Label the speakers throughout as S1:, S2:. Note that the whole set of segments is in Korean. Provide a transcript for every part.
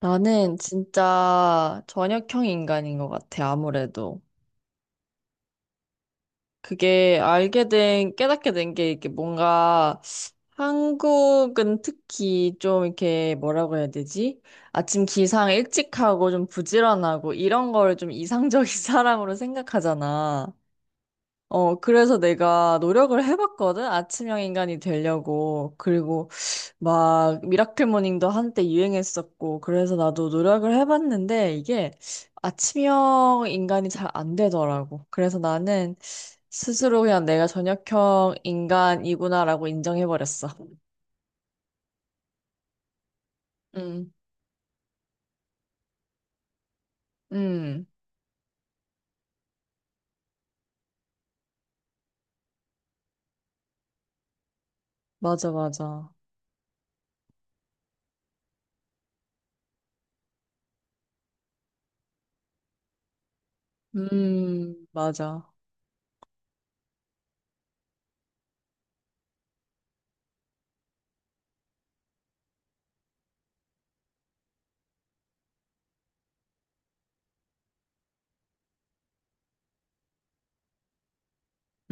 S1: 나는 진짜 저녁형 인간인 것 같아, 아무래도. 그게 깨닫게 된 게 이게 뭔가 한국은 특히 좀 이렇게 뭐라고 해야 되지? 아침 기상 일찍 하고 좀 부지런하고 이런 걸 좀 이상적인 사람으로 생각하잖아. 어, 그래서 내가 노력을 해봤거든? 아침형 인간이 되려고. 그리고 막 미라클 모닝도 한때 유행했었고 그래서 나도 노력을 해봤는데 이게 아침형 인간이 잘 안 되더라고. 그래서 나는 스스로 그냥 내가 저녁형 인간이구나라고 인정해버렸어. 음, 음, 맞아, 맞아. 맞아.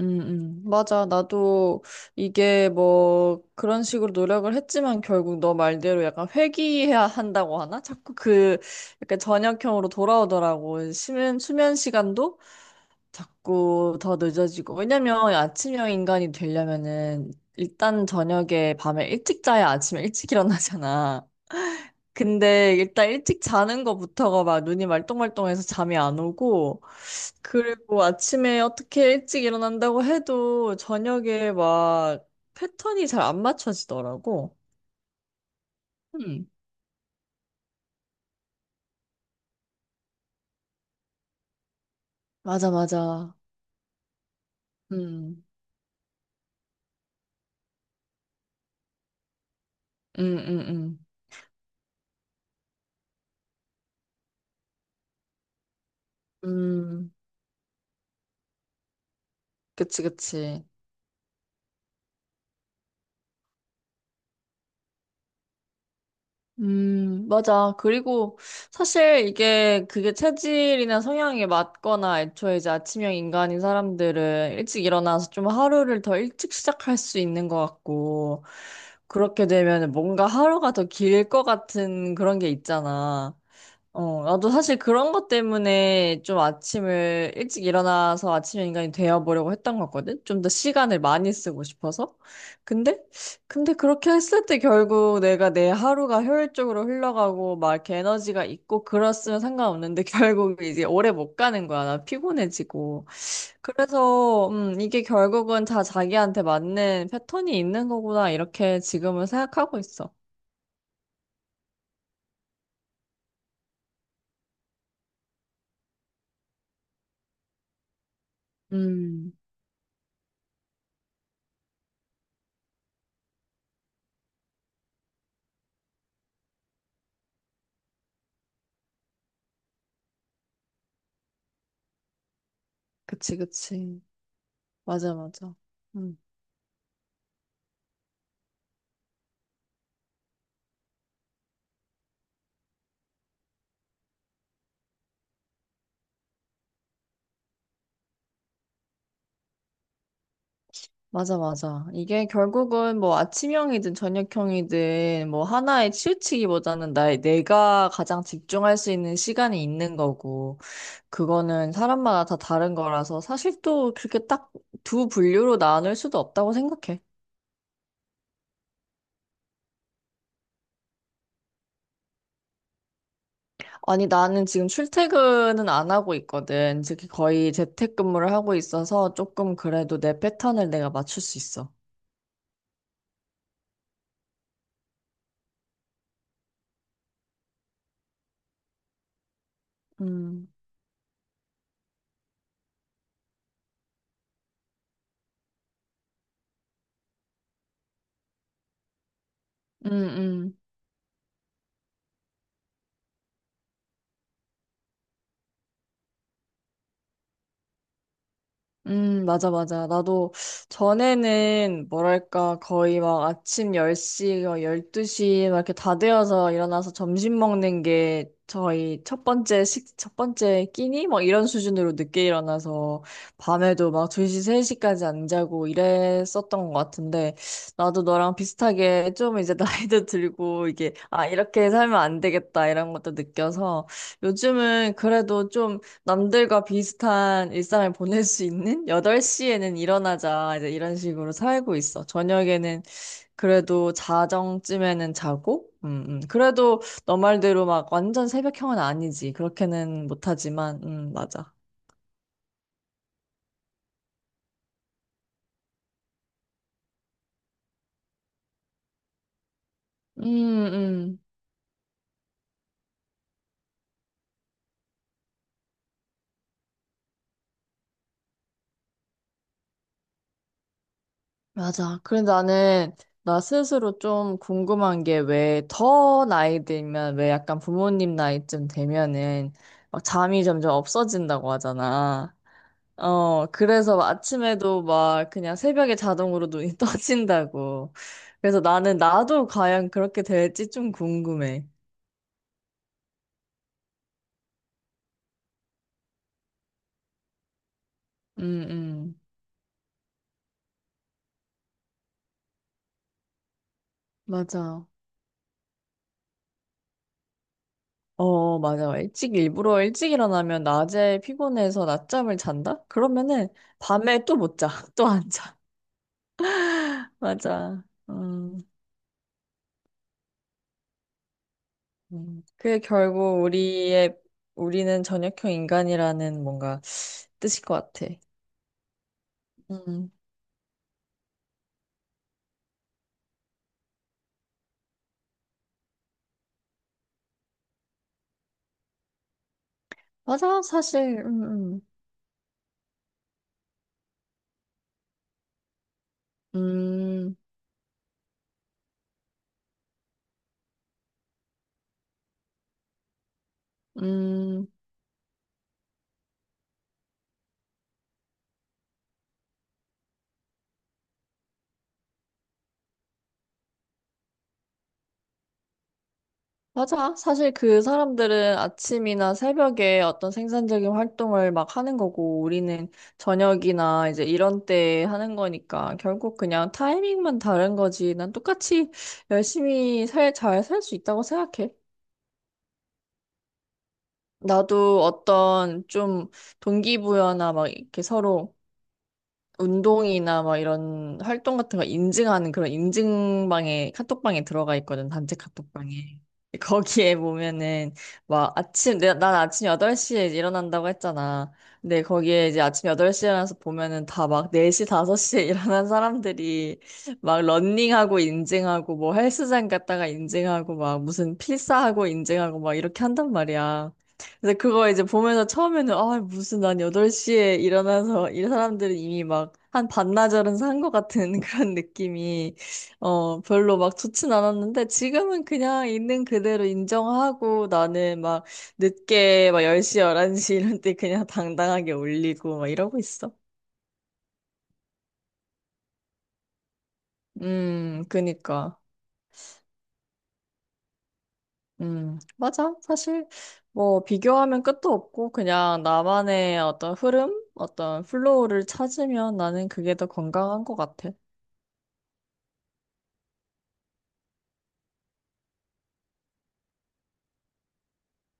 S1: 맞아. 나도 이게 뭐 그런 식으로 노력을 했지만 결국 너 말대로 약간 회귀해야 한다고 하나? 자꾸 그 약간 저녁형으로 돌아오더라고. 수면 시간도 자꾸 더 늦어지고. 왜냐면 아침형 인간이 되려면은 일단 저녁에 밤에 일찍 자야 아침에 일찍 일어나잖아. 근데 일단 일찍 자는 거부터가 막 눈이 말똥말똥해서 잠이 안 오고, 그리고 아침에 어떻게 일찍 일어난다고 해도 저녁에 막 패턴이 잘 안 맞춰지더라고. 음. 맞아, 맞아. 음, 음, 음, 음. 음, 그치, 그치. 맞아. 그리고 사실 이게 그게 체질이나 성향이 맞거나 애초에 이제 아침형 인간인 사람들은 일찍 일어나서 좀 하루를 더 일찍 시작할 수 있는 것 같고, 그렇게 되면 뭔가 하루가 더 길 것 같은 그런 게 있잖아. 어, 나도 사실 그런 것 때문에 좀 아침을 일찍 일어나서 아침 인간이 되어보려고 했던 거거든? 좀 더 시간을 많이 쓰고 싶어서. 근데, 근데 그렇게 했을 때 결국 내가 내 하루가 효율적으로 흘러가고 막 이렇게 에너지가 있고 그랬으면 상관없는데 결국 이제 오래 못 가는 거야. 나 피곤해지고. 그래서, 이게 결국은 다 자기한테 맞는 패턴이 있는 거구나. 이렇게 지금은 생각하고 있어. 음, 그치, 그치. 맞아, 맞아. 음. 맞아, 맞아. 이게 결국은 뭐 아침형이든 저녁형이든 뭐 하나에 치우치기보다는 나의 내가 가장 집중할 수 있는 시간이 있는 거고, 그거는 사람마다 다 다른 거라서 사실 또 그렇게 딱 두 분류로 나눌 수도 없다고 생각해. 아니, 나는 지금 출퇴근은 안 하고 있거든. 즉, 거의 재택근무를 하고 있어서 조금 그래도 내 패턴을 내가 맞출 수 있어. 음, 음, 음. 맞아, 맞아. 나도 전에는 뭐랄까, 거의 막 아침 10시, 12시 막 이렇게 다 되어서 일어나서 점심 먹는 게 저희 첫 번째 끼니? 막 이런 수준으로 늦게 일어나서 밤에도 막 2시, 3시까지 안 자고 이랬었던 것 같은데 나도 너랑 비슷하게 좀 이제 나이도 들고 이게 아, 이렇게 살면 안 되겠다 이런 것도 느껴서 요즘은 그래도 좀 남들과 비슷한 일상을 보낼 수 있는 8시에는 일어나자 이제 이런 식으로 살고 있어. 저녁에는 그래도 자정쯤에는 자고, 그래도 너 말대로 막 완전 새벽형은 아니지. 그렇게는 못하지만, 맞아. 음, 음, 맞아. 그래 나는 나 스스로 좀 궁금한 게 왜 약간 부모님 나이쯤 되면은 막 잠이 점점 없어진다고 하잖아. 어, 그래서 아침에도 막 그냥 새벽에 자동으로 눈이 떠진다고. 그래서 나는 나도 과연 그렇게 될지 좀 궁금해. 음, 음. 맞아. 어, 맞아. 일부러 일찍 일어나면 낮에 피곤해서 낮잠을 잔다? 그러면은 밤에 또 못 자. 또 안 자. 맞아. 음, 그게 결국 우리는 저녁형 인간이라는 뭔가 뜻일 것 같아. 음. 맞아. 사실, 음. 음, 맞아. 사실 그 사람들은 아침이나 새벽에 어떤 생산적인 활동을 막 하는 거고, 우리는 저녁이나 이제 이런 때 하는 거니까, 결국 그냥 타이밍만 다른 거지. 난 똑같이 잘 살 수 있다고 생각해. 나도 어떤 좀 동기부여나 막 이렇게 서로 운동이나 막 이런 활동 같은 거 인증하는 그런 인증방에 카톡방에 들어가 있거든. 단체 카톡방에 거기에 보면은 막 아침 내가 난 아침 8시에 일어난다고 했잖아. 근데 거기에 이제 아침 8시에 일어나서 보면은 다 막 4시 5시에 일어난 사람들이 막 런닝하고 인증하고 뭐 헬스장 갔다가 인증하고 막 무슨 필사하고 인증하고 막 이렇게 한단 말이야. 근데 그거 이제 보면서 처음에는 아 무슨 난 8시에 일어나서 이 사람들은 이미 막 한 반나절은 산 것 같은 그런 느낌이 별로 막 좋진 않았는데 지금은 그냥 있는 그대로 인정하고 나는 막 늦게 막 10시, 11시 이런 때 그냥 당당하게 올리고 막 이러고 있어. 그니까. 맞아. 사실, 뭐, 비교하면 끝도 없고, 그냥 나만의 어떤 흐름, 어떤 플로우를 찾으면 나는 그게 더 건강한 것 같아.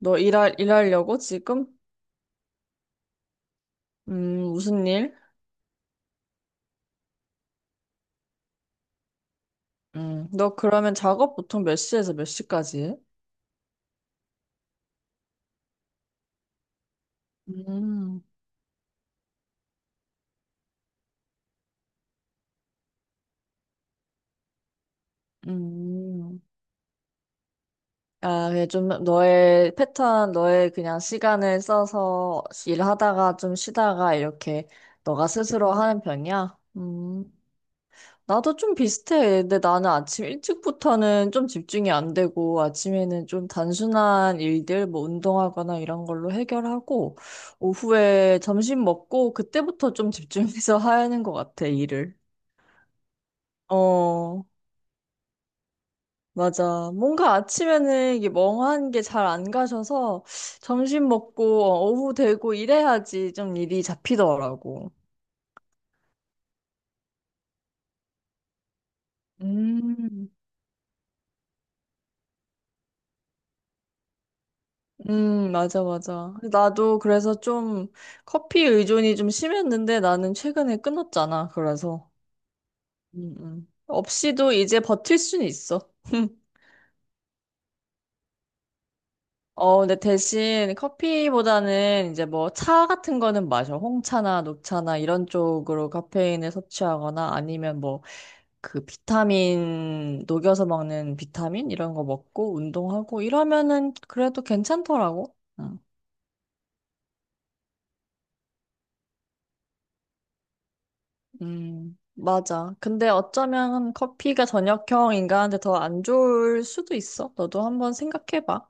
S1: 너 일하려고 지금? 무슨 일? 너 그러면 작업 보통 몇 시에서 몇 시까지 해? 음, 음. 아, 그냥 좀 너의 패턴, 너의 그냥 시간을 써서 일하다가 좀 쉬다가 이렇게 너가 스스로 하는 편이야? 음. 나도 좀 비슷해. 근데 나는 아침 일찍부터는 좀 집중이 안 되고, 아침에는 좀 단순한 일들, 뭐 운동하거나 이런 걸로 해결하고, 오후에 점심 먹고, 그때부터 좀 집중해서 하는 것 같아, 일을. 어, 맞아. 뭔가 아침에는 이게 멍한 게 잘 안 가셔서, 점심 먹고, 오후 되고 이래야지 좀 일이 잡히더라고. 음. 맞아, 맞아. 나도 그래서 좀 커피 의존이 좀 심했는데 나는 최근에 끊었잖아. 그래서. 없이도 이제 버틸 수는 있어. 어, 근데 대신 커피보다는 이제 뭐 차 같은 거는 마셔. 홍차나 녹차나 이런 쪽으로 카페인을 섭취하거나 아니면 뭐 그 비타민 녹여서 먹는 비타민 이런 거 먹고 운동하고 이러면은 그래도 괜찮더라고. 응. 맞아. 근데 어쩌면 커피가 저녁형 인간한테 더 안 좋을 수도 있어. 너도 한번 생각해봐.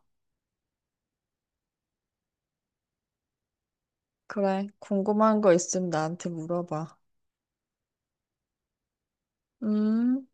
S1: 그래, 궁금한 거 있으면 나한테 물어봐. 음.